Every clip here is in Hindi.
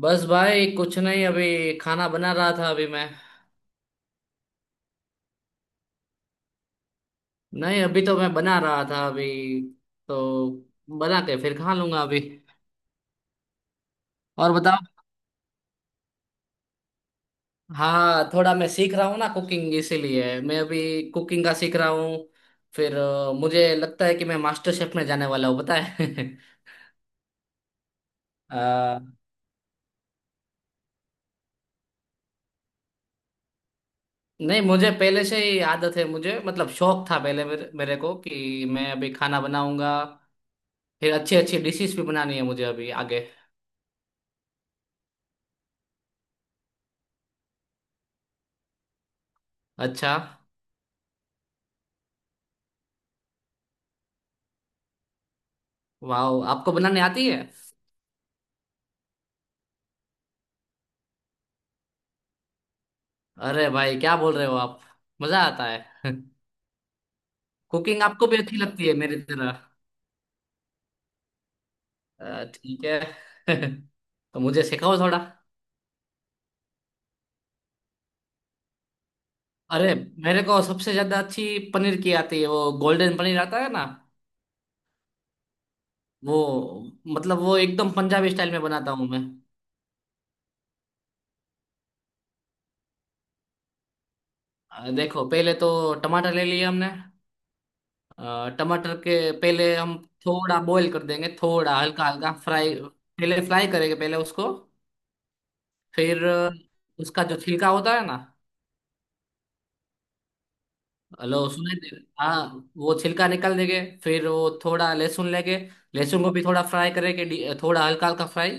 बस भाई कुछ नहीं, अभी खाना बना रहा था अभी मैं। नहीं, अभी तो मैं बना रहा था अभी। तो बना के फिर खा लूंगा अभी। और बताओ। हाँ, थोड़ा मैं सीख रहा हूँ ना कुकिंग, इसीलिए मैं अभी कुकिंग का सीख रहा हूँ। फिर मुझे लगता है कि मैं मास्टर शेफ में जाने वाला हूँ, पता है। अ, नहीं, मुझे पहले से ही आदत है, मुझे मतलब शौक था पहले मेरे को कि मैं अभी खाना बनाऊंगा। फिर अच्छी अच्छी डिशेस भी बनानी है मुझे अभी आगे। अच्छा। वाह, आपको बनाने आती है। अरे भाई, क्या बोल रहे हो आप। मजा आता है। कुकिंग आपको भी अच्छी लगती है मेरी तरह। ठीक है। तो मुझे सिखाओ थोड़ा। अरे, मेरे को सबसे ज्यादा अच्छी पनीर की आती है। वो गोल्डन पनीर आता है ना, वो मतलब वो एकदम पंजाबी स्टाइल में बनाता हूँ मैं। देखो, पहले तो टमाटर ले लिए हमने। टमाटर के पहले हम थोड़ा बॉईल कर देंगे, थोड़ा हल्का हल्का फ्राई। पहले फ्राई करेंगे पहले उसको। फिर उसका जो छिलका होता है ना, हाँ, वो छिलका निकाल देंगे। फिर वो थोड़ा लहसुन लेंगे। लहसुन को भी थोड़ा फ्राई करेंगे, थोड़ा हल्का हल्का फ्राई।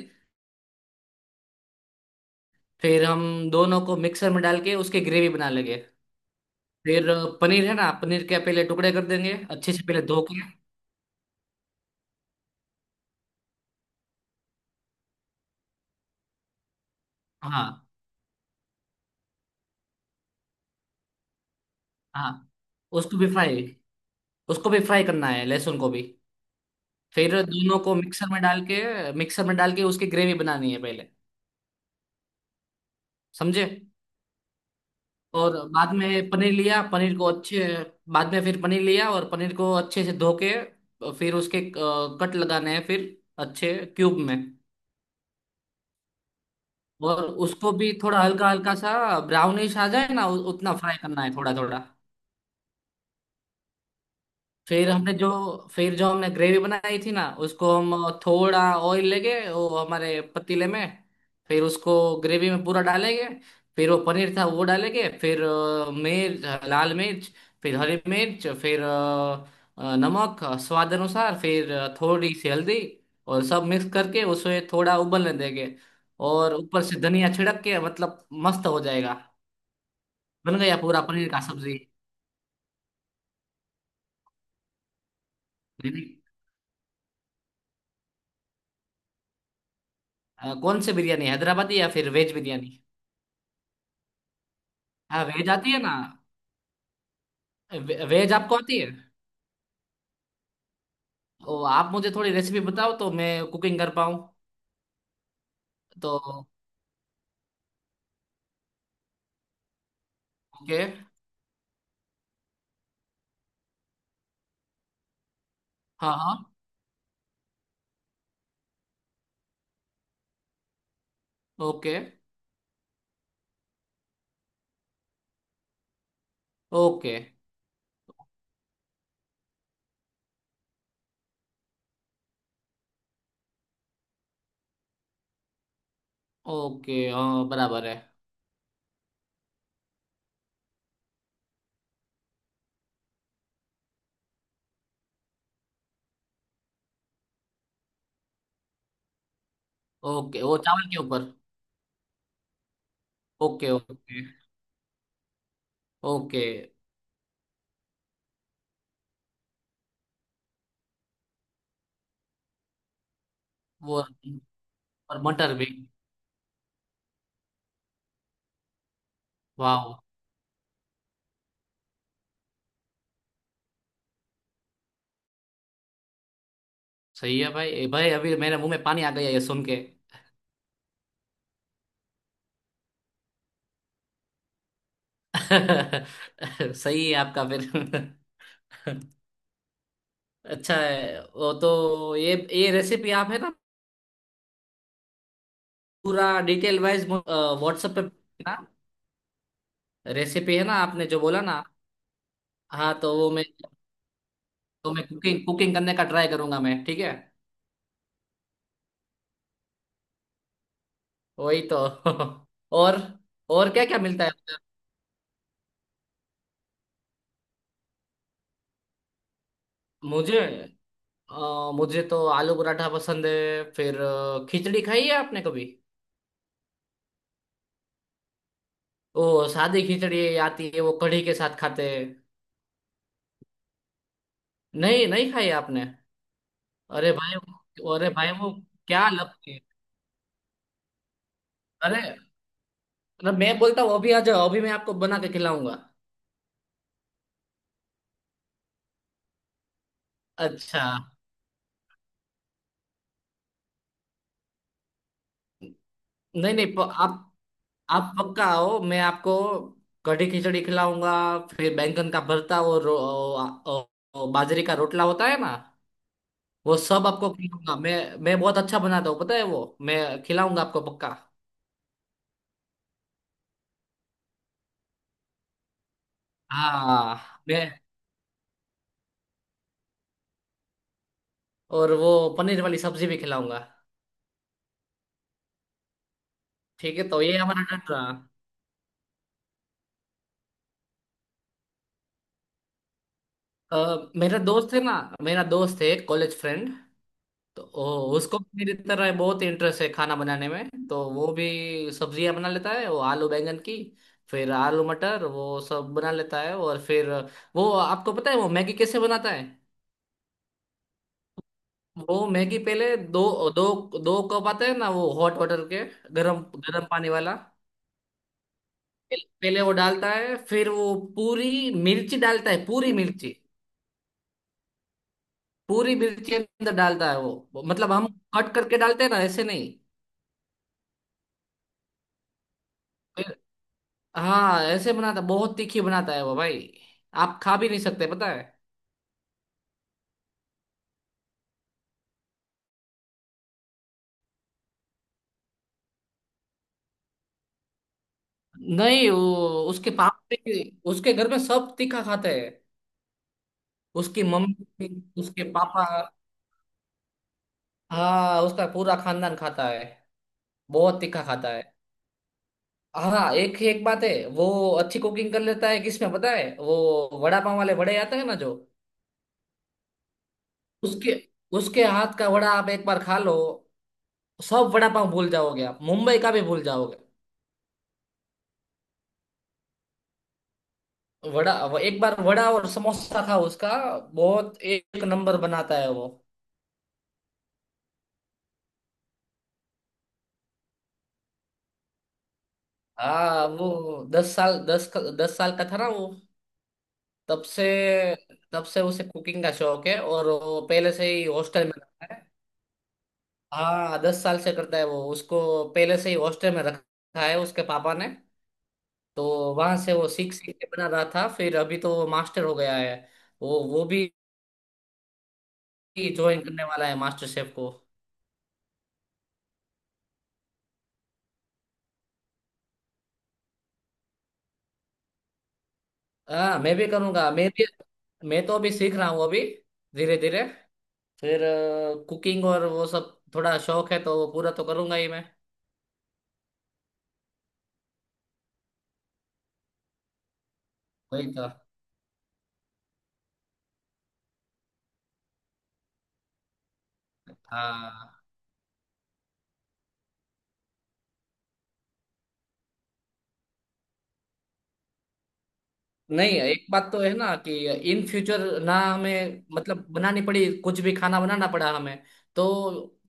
फिर हम दोनों को मिक्सर में डाल के उसकी ग्रेवी बना लेंगे। फिर पनीर है ना, पनीर के पहले टुकड़े कर देंगे अच्छे से, पहले धो के। हाँ हाँ। उसको भी फ्राई, उसको भी फ्राई करना है लहसुन को भी। फिर दोनों को मिक्सर में डाल के, मिक्सर में डाल के उसकी ग्रेवी बनानी है पहले। समझे। और बाद में पनीर लिया, पनीर को अच्छे, बाद में फिर पनीर लिया और पनीर को अच्छे से धो के फिर उसके कट लगाने हैं, फिर अच्छे क्यूब में। और उसको भी थोड़ा हल्का हल्का सा ब्राउनिश आ जाए ना, उतना फ्राई करना है थोड़ा थोड़ा। फिर हमने जो फिर जो हमने ग्रेवी बनाई थी ना, उसको हम थोड़ा ऑयल लेंगे वो हमारे पतीले में। फिर उसको ग्रेवी में पूरा डालेंगे। फिर वो पनीर था वो डालेंगे। फिर मिर्च, लाल मिर्च, फिर हरी मिर्च, फिर नमक स्वाद अनुसार, फिर थोड़ी सी हल्दी। और सब मिक्स करके उसे थोड़ा उबलने देंगे। और ऊपर से धनिया छिड़क के मतलब मस्त हो जाएगा। बन गया पूरा पनीर का सब्जी। कौन सी बिरयानी, हैदराबादी या फिर वेज बिरयानी? हाँ, वेज आती है ना। वेज आपको आती है। ओ, आप मुझे थोड़ी रेसिपी बताओ तो मैं कुकिंग कर पाऊँ। तो ओके। हाँ हाँ। Okay okay okay. हाँ, बराबर है। ओके, वो चावल के ऊपर। Okay okay okay. वो, और मटर भी। वाह। सही है भाई, ए भाई अभी मेरे मुंह में पानी आ गया ये सुन के। सही है आपका। फिर अच्छा है वो तो। ये रेसिपी आप है ना पूरा डिटेल वाइज व्हाट्सएप पे। रेसिपी है ना, आपने जो बोला ना। हाँ, तो वो मैं, तो मैं कुकिंग, करने का ट्राई करूंगा मैं, ठीक है। वही तो। और और क्या क्या मिलता है उधर? मुझे, मुझे तो आलू पराठा पसंद है। फिर खिचड़ी खाई है आपने कभी? ओ, सादी खिचड़ी आती है, वो कढ़ी के साथ खाते हैं। नहीं नहीं, खाई है आपने? अरे भाई। अरे भाई वो क्या लगती है। अरे अरे, मैं बोलता हूँ अभी आ जाओ, अभी मैं आपको बना के खिलाऊंगा। अच्छा। नहीं नहीं प- आप पक्का आओ, मैं आपको कढ़ी खिचड़ी खिलाऊंगा। फिर बैंगन का भरता और बाजरे का रोटला होता है ना, वो सब आपको खिलाऊंगा मैं। मैं बहुत अच्छा बनाता हूँ, पता है वो। मैं खिलाऊंगा आपको पक्का। हाँ मैं। और वो पनीर वाली सब्जी भी खिलाऊंगा। ठीक है, तो ये हमारा डन रहा। मेरा दोस्त है ना, मेरा दोस्त है कॉलेज फ्रेंड। तो उसको भी मेरी तरह बहुत इंटरेस्ट है खाना बनाने में, तो वो भी सब्जियां बना लेता है। वो आलू बैंगन की, फिर आलू मटर, वो सब बना लेता है। और फिर, वो आपको पता है वो मैगी कैसे बनाता है? वो मैगी पहले, दो दो दो कप आते हैं ना वो हॉट वाटर के, गरम गरम पानी वाला, पहले वो डालता है। फिर वो पूरी मिर्ची डालता है, पूरी मिर्ची, पूरी मिर्ची अंदर डालता है वो। मतलब हम कट करके डालते हैं ना, ऐसे नहीं। हाँ ऐसे बनाता, बहुत तीखी बनाता है वो भाई। आप खा भी नहीं सकते, पता है। नहीं, वो उसके उसके घर में सब तीखा खाते हैं। उसकी मम्मी, उसके पापा, हाँ उसका पूरा खानदान खाता है, बहुत तीखा खाता है। हाँ, एक ही एक बात है वो, अच्छी कुकिंग कर लेता है। किसमें पता है? वो वड़ा पाव वाले वड़े आते हैं ना जो, उसके उसके हाथ का वड़ा आप एक बार खा लो, सब वड़ा पाव भूल जाओगे, आप मुंबई का भी भूल जाओगे। वड़ा वो एक बार वड़ा और समोसा था उसका, बहुत एक नंबर बनाता है वो। हाँ, वो दस साल, दस दस साल का था ना वो, तब से, तब से उसे कुकिंग का शौक है। और वो पहले से ही हॉस्टल में रखा है। हाँ दस साल से करता है वो, उसको पहले से ही हॉस्टल में रखा है उसके पापा ने। तो वहां से वो सीख सीख के बना रहा था। फिर अभी तो वो मास्टर हो गया है। वो भी ज्वाइन करने वाला है मास्टर शेफ को। हाँ मैं भी करूँगा, मैं भी, मैं तो अभी सीख रहा हूँ अभी, धीरे धीरे। फिर कुकिंग और वो सब थोड़ा शौक है, तो वो पूरा तो करूँगा ही मैं। वही तो, हाँ। नहीं, एक बात तो है ना कि इन फ्यूचर ना हमें मतलब बनानी पड़ी, कुछ भी खाना बनाना पड़ा हमें, तो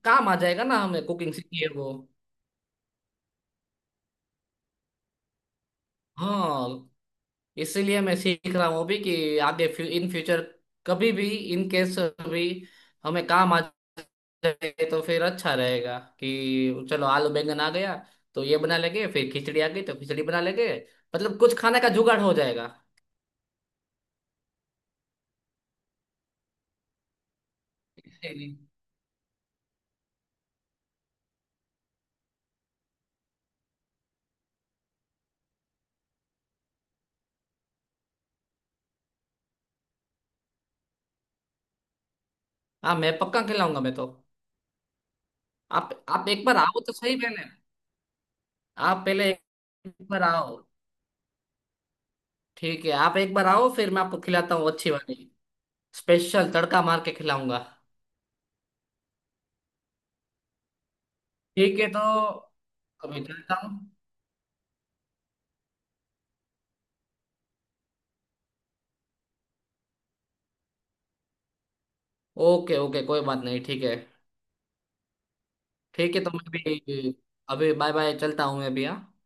काम आ जाएगा ना हमें, कुकिंग सीखी है वो। हाँ, इसीलिए मैं सीख रहा हूँ अभी कि आगे इन फ्यूचर कभी भी, इन केस भी, हमें काम आ जाए तो फिर अच्छा रहेगा कि चलो, आलू बैंगन आ गया तो ये बना लेंगे, फिर खिचड़ी आ गई तो खिचड़ी बना लेंगे, मतलब कुछ खाने का जुगाड़ हो जाएगा। इसीलिए। हाँ, मैं पक्का खिलाऊंगा, मैं तो। आप एक बार आओ तो सही पहले। आप पहले एक बार आओ। ठीक है, आप एक बार आओ, फिर मैं आपको खिलाता हूँ अच्छी वाली, स्पेशल तड़का मार के खिलाऊंगा। ठीक है, तो अभी चलता हूँ। ओके ओके, कोई बात नहीं, ठीक है। ठीक है, तो मैं भी, अभी बाय बाय, चलता हूँ मैं भी, हाँ।